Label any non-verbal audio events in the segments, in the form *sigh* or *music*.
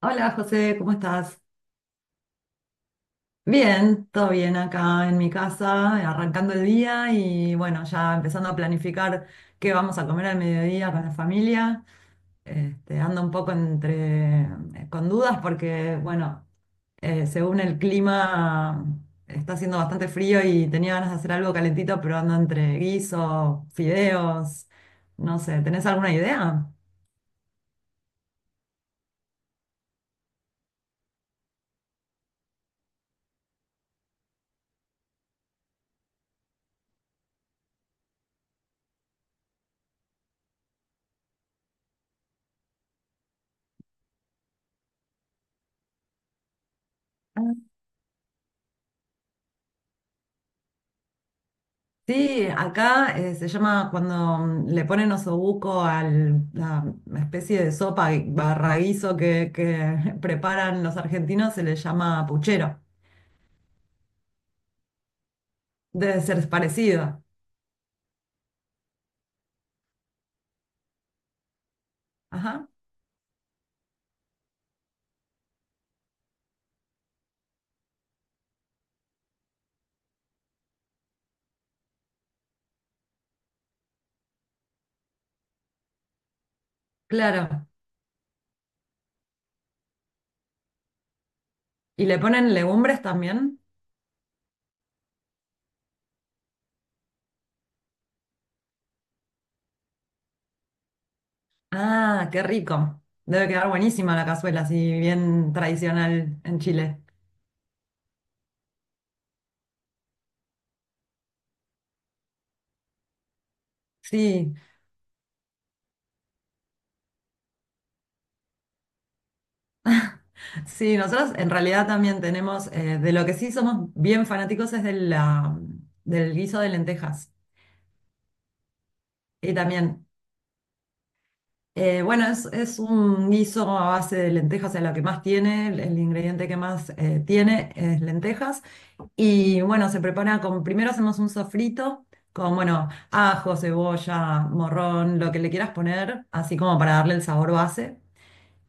Hola José, ¿cómo estás? Bien, todo bien acá en mi casa, arrancando el día y bueno, ya empezando a planificar qué vamos a comer al mediodía con la familia. Este, ando un poco entre, con dudas porque bueno, según el clima está haciendo bastante frío y tenía ganas de hacer algo calentito, pero ando entre guiso, fideos, no sé, ¿tenés alguna idea? Sí, acá se llama cuando le ponen osobuco a la especie de sopa y barra guiso que *laughs* preparan los argentinos, se le llama puchero. Debe ser parecido. Ajá, claro. ¿Y le ponen legumbres también? Ah, qué rico. Debe quedar buenísima la cazuela, así bien tradicional en Chile. Sí, sí, nosotros en realidad también tenemos, de lo que sí somos bien fanáticos es del guiso de lentejas. Y también Bueno, es un guiso a base de lentejas, es lo que más tiene, el ingrediente que más tiene es lentejas. Y bueno, se prepara con, primero hacemos un sofrito con, bueno, ajo, cebolla, morrón, lo que le quieras poner, así como para darle el sabor base.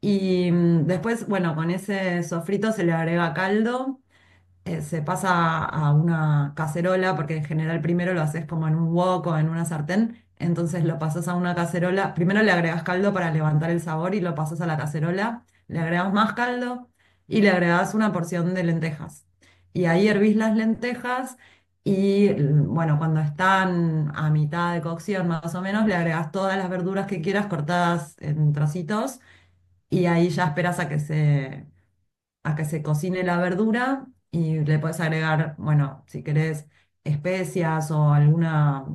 Y después, bueno, con ese sofrito se le agrega caldo se pasa a una cacerola, porque en general primero lo haces como en un wok o en una sartén, entonces lo pasas a una cacerola, primero le agregas caldo para levantar el sabor y lo pasas a la cacerola, le agregas más caldo y le agregas una porción de lentejas. Y ahí hervís las lentejas y bueno, cuando están a mitad de cocción más o menos, le agregas todas las verduras que quieras cortadas en trocitos y ahí ya esperas a que se cocine la verdura y le puedes agregar, bueno, si querés, especias o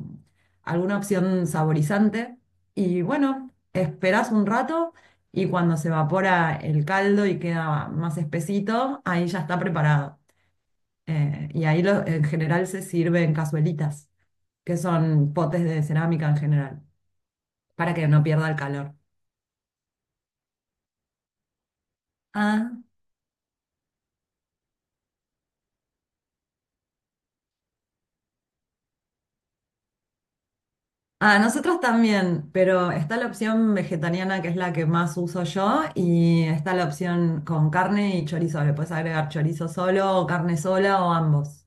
alguna opción saborizante. Y bueno, esperás un rato y cuando se evapora el caldo y queda más espesito, ahí ya está preparado. Y ahí en general se sirve en cazuelitas, que son potes de cerámica en general, para que no pierda el calor. Ah. A nosotros también, pero está la opción vegetariana que es la que más uso yo y está la opción con carne y chorizo. Le puedes agregar chorizo solo o carne sola o ambos.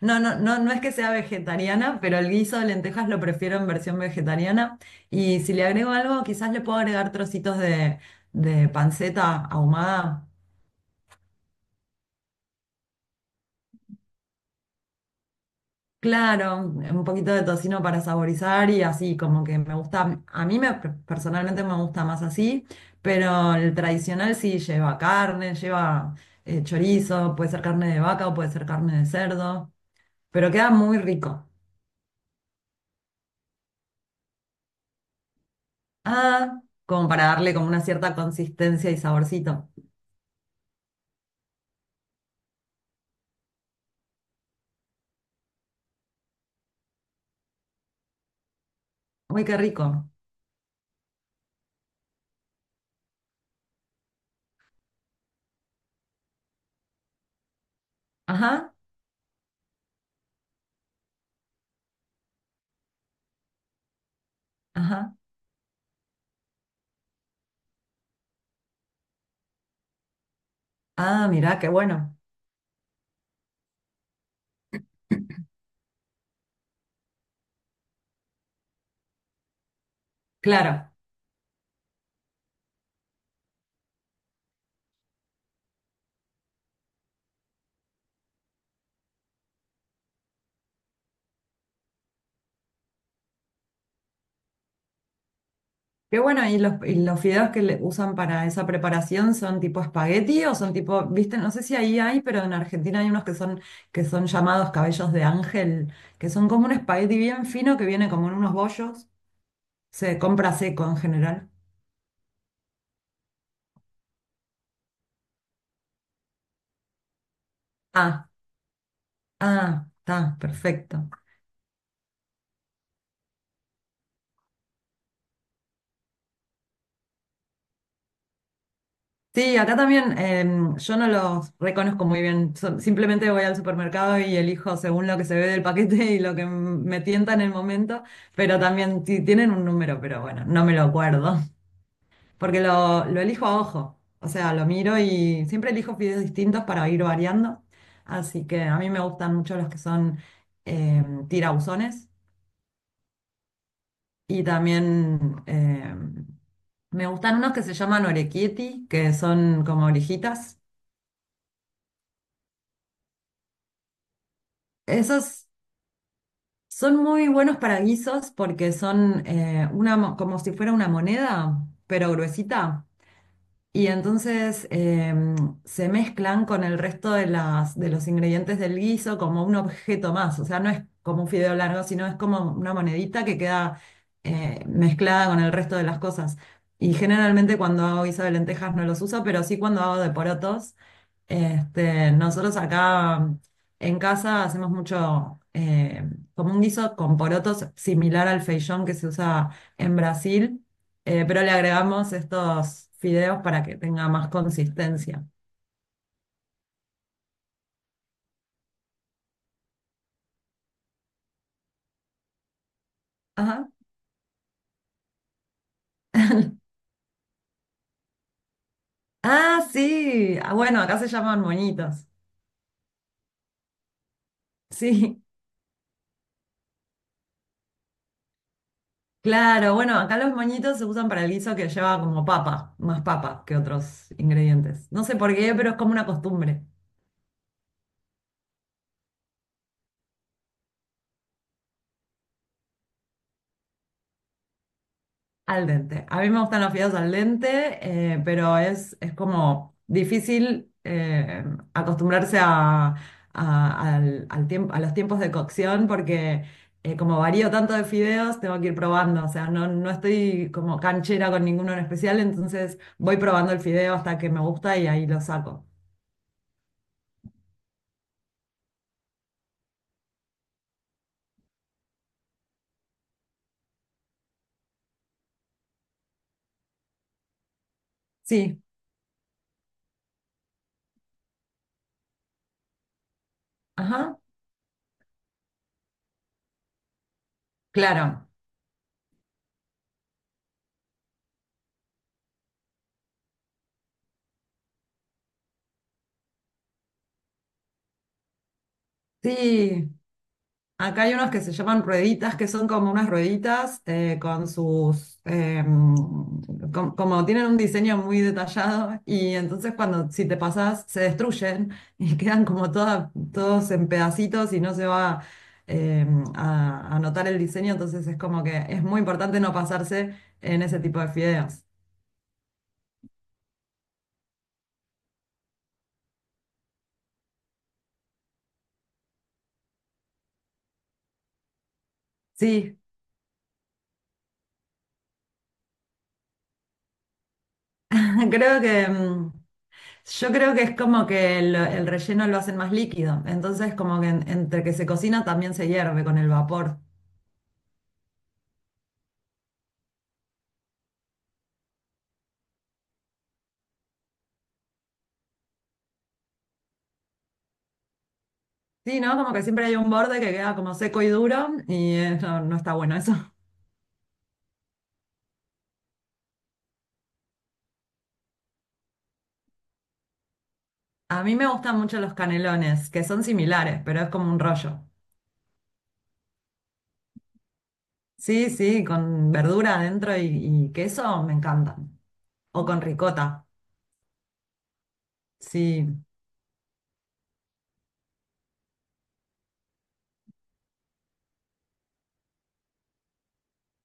No, no, no, no es que sea vegetariana, pero el guiso de lentejas lo prefiero en versión vegetariana. Y si le agrego algo, quizás le puedo agregar trocitos de panceta ahumada. Claro, un poquito de tocino para saborizar y así, como que me gusta, personalmente me gusta más así, pero el tradicional sí lleva carne, lleva chorizo, puede ser carne de vaca o puede ser carne de cerdo, pero queda muy rico. Ah, como para darle como una cierta consistencia y saborcito. Uy, qué rico. Ajá, ajá. Ah, mirá, qué bueno. Claro. Qué bueno, ¿y y los fideos que le usan para esa preparación son tipo espagueti o son tipo, viste, no sé si ahí hay, pero en Argentina hay unos que son llamados cabellos de ángel, que son como un espagueti bien fino que viene como en unos bollos. Se compra seco en general. Ah, ah, está, perfecto. Sí, acá también yo no los reconozco muy bien. Simplemente voy al supermercado y elijo según lo que se ve del paquete y lo que me tienta en el momento, pero también tienen un número, pero bueno, no me lo acuerdo. Porque lo elijo a ojo. O sea, lo miro y siempre elijo videos distintos para ir variando. Así que a mí me gustan mucho los que son eh, tirabuzones. Y también me gustan unos que se llaman orecchietti, que son como orejitas. Esos son muy buenos para guisos porque son como si fuera una moneda, pero gruesita. Y entonces se mezclan con el resto de los ingredientes del guiso como un objeto más. O sea, no es como un fideo largo, sino es como una monedita que queda mezclada con el resto de las cosas. Y generalmente cuando hago guiso de lentejas no los uso, pero sí cuando hago de porotos. Este, nosotros acá en casa hacemos mucho como un guiso con porotos similar al feijón que se usa en Brasil, pero le agregamos estos fideos para que tenga más consistencia. Ajá. Ah, sí. Ah, bueno, acá se llaman moñitos. Sí, claro. Bueno, acá los moñitos se usan para el guiso que lleva como papa, más papa que otros ingredientes. No sé por qué, pero es como una costumbre. Al dente. A mí me gustan los fideos al dente, pero es como difícil acostumbrarse a, al a los tiempos de cocción porque como varío tanto de fideos, tengo que ir probando. O sea, no, no estoy como canchera con ninguno en especial, entonces voy probando el fideo hasta que me gusta y ahí lo saco. Sí, ajá, claro. Sí. Acá hay unos que se llaman rueditas, que son como unas rueditas como tienen un diseño muy detallado y entonces cuando si te pasas se destruyen y *laughs* quedan como todos en pedacitos y no se va eh, a notar el diseño, entonces es como que es muy importante no pasarse en ese tipo de fideos. Sí, *laughs* creo que... yo creo que es como que el relleno lo hacen más líquido, entonces como que entre que se cocina también se hierve con el vapor. Sí, ¿no? Como que siempre hay un borde que queda como seco y duro y no, no está bueno eso. A mí me gustan mucho los canelones, que son similares, pero es como un rollo. Sí, sí, con verdura adentro y queso me encantan. O con ricota, sí.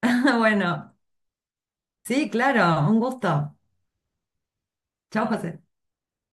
*laughs* Bueno, sí, claro, un gusto. Chao, José.